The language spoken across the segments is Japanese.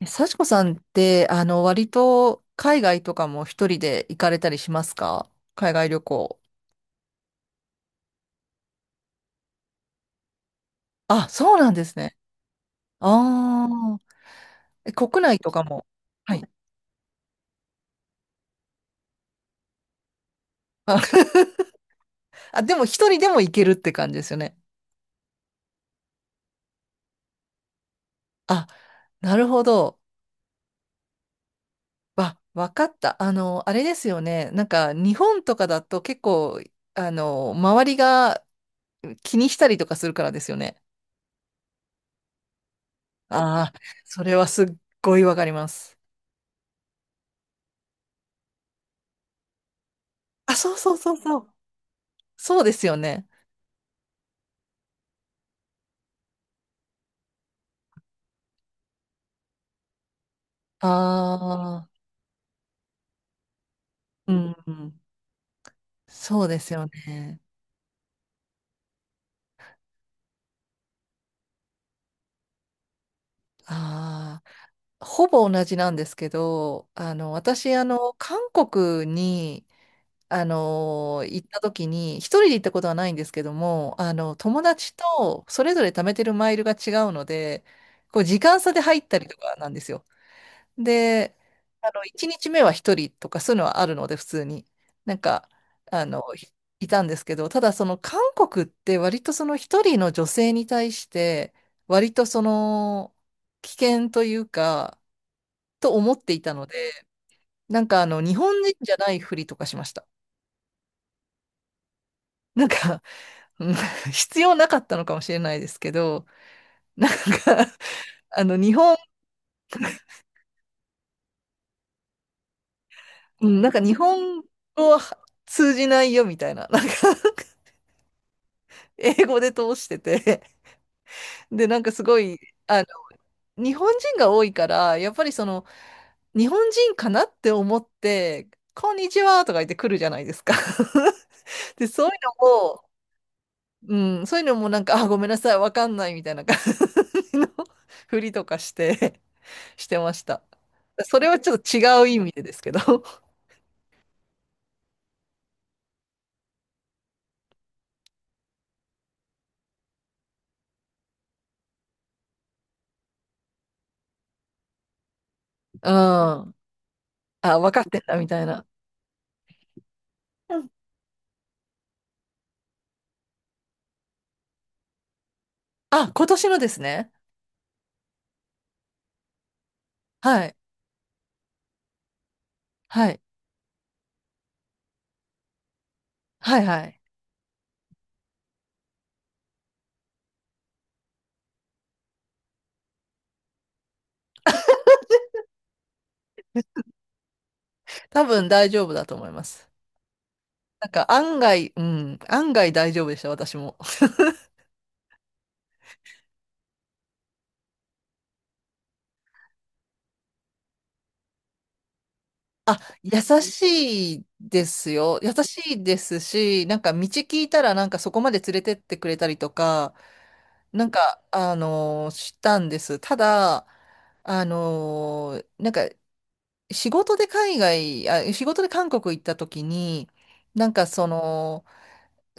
幸子さんって、割と海外とかも一人で行かれたりしますか？海外旅行。あ、そうなんですね。ああ、国内とかも。はい。あ、あ、でも一人でも行けるって感じですよね。あ、なるほど。わかった。あれですよね。日本とかだと結構、周りが気にしたりとかするからですよね。ああ、それはすっごいわかります。あ、そうそうそうそう。そうですよね。ああ、うん、うん、そうですよね。ああ、ほぼ同じなんですけど、私、韓国に、行った時に、一人で行ったことはないんですけども、友達とそれぞれ貯めてるマイルが違うので、こう、時間差で入ったりとかなんですよ。で、1日目は1人とかそういうのはあるので、普通に。なんか、あの、いいたんですけど、ただその韓国って割とその1人の女性に対して、割とその危険というか、と思っていたので、日本人じゃないふりとかしました。なんか、うん、 必要なかったのかもしれないですけど、なんか、あの、日本、うん、なんか日本語は通じないよみたいな、なんか英語で通してて、で、なんかすごい、あの、日本人が多いから、やっぱりその、日本人かなって思って、こんにちはとか言って来るじゃないですか。で、そういうのも、うん、そういうのもなんか、あ、ごめんなさい、わかんないみたいな感じの ふりとかして、してました。それはちょっと違う意味でですけど。うん。あ、わかってんだみたいな。うん。あ、今年のですね。はい。はい。はいはい。多分大丈夫だと思います。なんか案外、うん、案外大丈夫でした、私も。あ、優しいですよ。優しいですし、なんか道聞いたらなんかそこまで連れてってくれたりとか、なんか、あのー、したんです。ただ、あのー、なんか仕事で海外、あ、仕事で韓国行った時に、なんかその、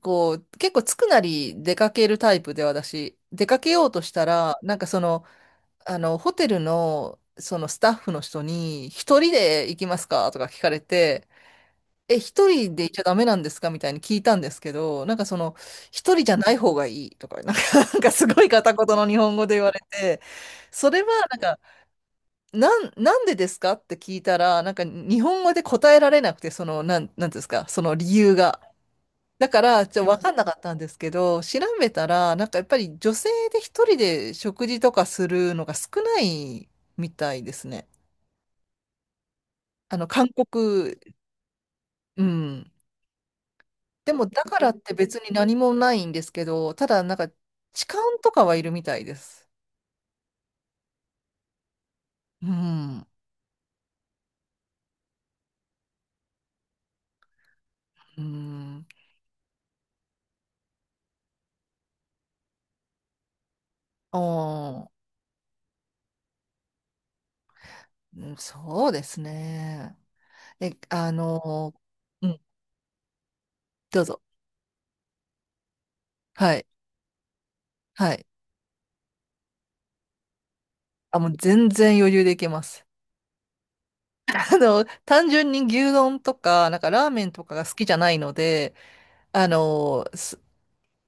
こう、結構つくなり出かけるタイプで私、出かけようとしたら、なんかその、ホテルの、そのスタッフの人に、一人で行きますかとか聞かれて、え、一人で行っちゃダメなんですかみたいに聞いたんですけど、なんかその、一人じゃない方がいいとか、なんか、なんかすごい片言の日本語で言われて、それはなんか、なんでですかって聞いたら、なんか日本語で答えられなくて、その、なんていうんですか、その理由が。だから、ちょっとわかん。んなかったんですけど、調べたら、なんかやっぱり女性で一人で食事とかするのが少ないみたいですね。あの、韓国、うん。でも、だからって別に何もないんですけど、ただ、なんか、痴漢とかはいるみたいです。うん。うん。ああ、うん、そうですね。え、あの、うん、どうぞ。はい。はい。あ、もう全然余裕でいけます。単純に牛丼とか、なんかラーメンとかが好きじゃないので、あの、す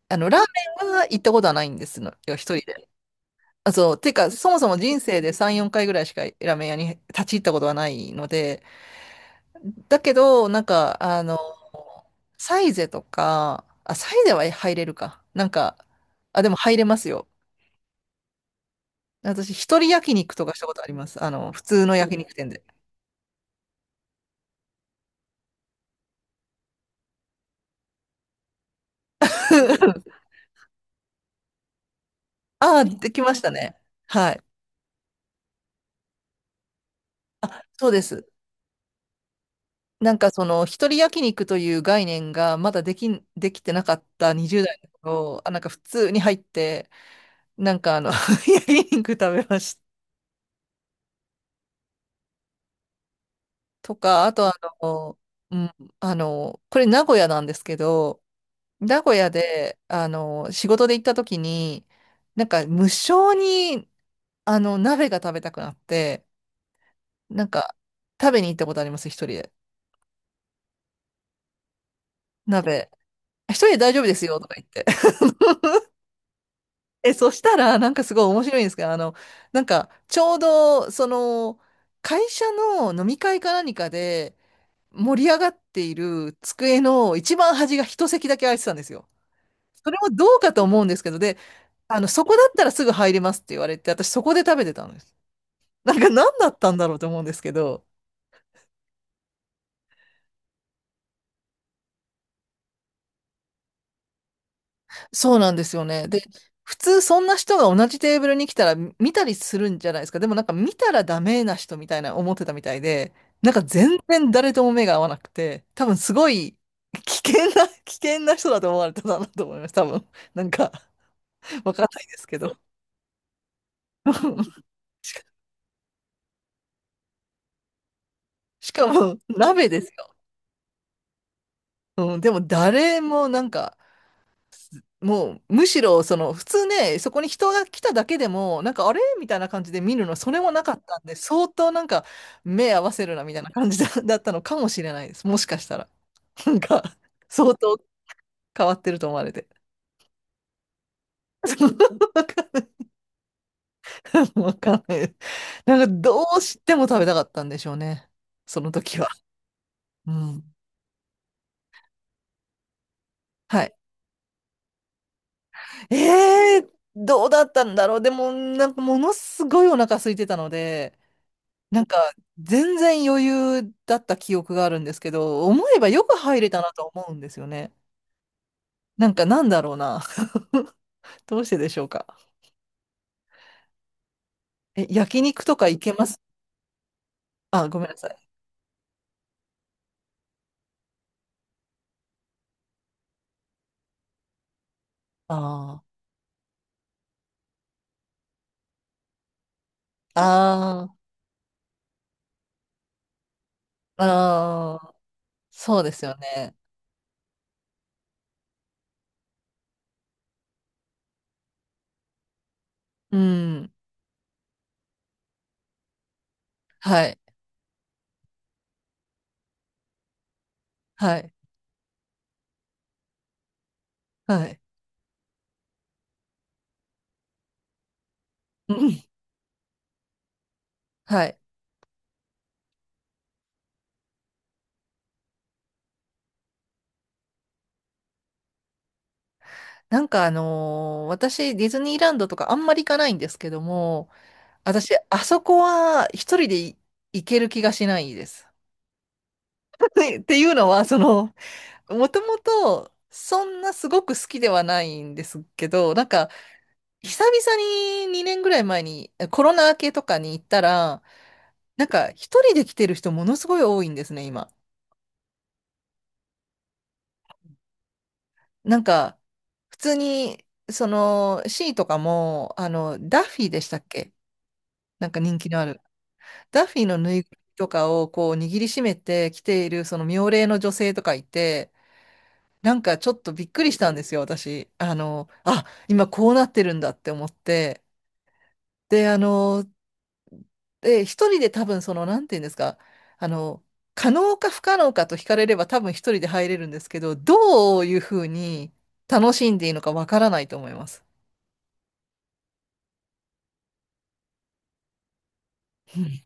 ラーメンは行ったことはないんですのよ、一人で。あ、そう、てか、そもそも人生で3、4回ぐらいしかラーメン屋に立ち入ったことはないので、だけど、なんか、サイゼとか、あ、サイゼは入れるか。なんか、あ、でも入れますよ。私、一人焼肉とかしたことあります。あの、普通の焼肉店で。あ、できましたね。はい。あ、そうです。なんかその一人焼肉という概念がまだできてなかった20代の頃、あ、なんか普通に入って、なんかあの、焼肉食べましたとか、あとあの、うん、これ名古屋なんですけど、名古屋で、仕事で行った時に、なんか無性に、鍋が食べたくなって、なんか食べに行ったことあります、一人で。鍋。一人で大丈夫ですよとか言って。え、そしたら、なんかすごい面白いんですけど、なんか、ちょうど、その、会社の飲み会か何かで盛り上がっている机の一番端が一席だけ空いてたんですよ。それもどうかと思うんですけど、で、そこだったらすぐ入れますって言われて、私そこで食べてたんです。なんか何だったんだろうと思うんですけど、そうなんですよね。で、普通そんな人が同じテーブルに来たら見たりするんじゃないですか。でもなんか見たらダメな人みたいな思ってたみたいで、なんか全然誰とも目が合わなくて、多分すごい危険な、危険な人だと思われたんだなと思います。多分。なんかわかんないですけど。しかも鍋ですよ。うん、でも誰もなんか、もうむしろその普通ね、そこに人が来ただけでも、なんかあれみたいな感じで見るの、それもなかったんで、相当なんか目合わせるなみたいな感じだったのかもしれないです。もしかしたら。なんか、相当変わってると思われて。そう、わかんない。ななんかどうしても食べたかったんでしょうね。その時は。うん。はい。えー、どうだったんだろう。でも、なんかものすごいお腹空いてたので、なんか、全然余裕だった記憶があるんですけど、思えばよく入れたなと思うんですよね。なんか、なんだろうな。どうしてでしょうか。え、焼肉とか行けます？あ、ごめんなさい。ああ、ああ、ああ、そうですよね。うん。はい、はい、はい。うん、はい。なんかあのー、私、ディズニーランドとかあんまり行かないんですけども、私、あそこは一人でい行ける気がしないです。っていうのは、その、もともと、そんなすごく好きではないんですけど、なんか、久々に2年ぐらい前にコロナ明けとかに行ったら、なんか、一人で来てる人ものすごい多いんですね、今。なんか、普通に、その、C とかも、ダッフィーでしたっけ？なんか人気のある。ダッフィーのぬいぐるみとかをこう握りしめて来ている、その妙齢の女性とかいて、なんかちょっとびっくりしたんですよ、私。あの、あ、今こうなってるんだって思って。で、あの、で、一人で多分その、なんていうんですか、あの、可能か不可能かと聞かれれば多分一人で入れるんですけど、どういうふうに楽しんでいいのかわからないと思います。うん。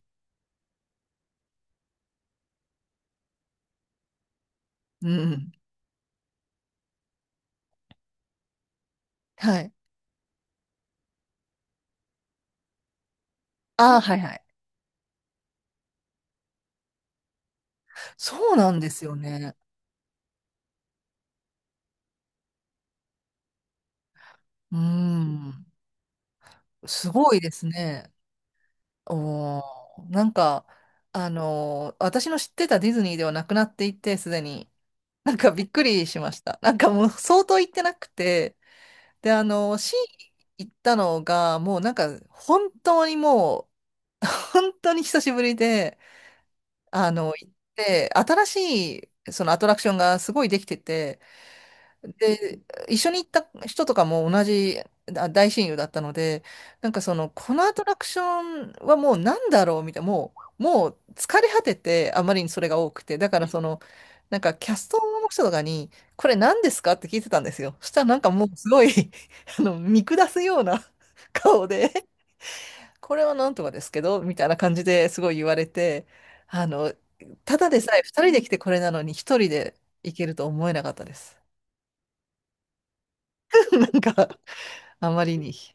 うん、はい。ああ、はいはい。そうなんですよね。うん。すごいですね。おー、なんか、あのー、私の知ってたディズニーではなくなっていて、すでに。なんかびっくりしました。なんかもう相当行ってなくて、で、シー行ったのが、もうなんか、本当にもう、本当に久しぶりで、行って、新しい、そのアトラクションがすごいできてて、で、一緒に行った人とかも同じ大親友だったので、なんかその、このアトラクションはもうなんだろうみたいな、もう、もう疲れ果てて、あまりにそれが多くて、だからその、なんかキャストの人とかに、これ何ですかって聞いてたんですよ。そしたらなんかもうすごい あの、見下すような 顔で、これはなんとかですけど、みたいな感じですごい言われて、あの、ただでさえ2人で来てこれなのに1人で行けると思えなかったです。なんかあまりに、ち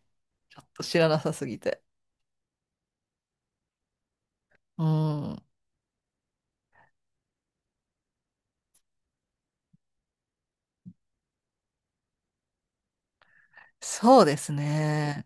ょっと知らなさすぎて。うん。そうですね。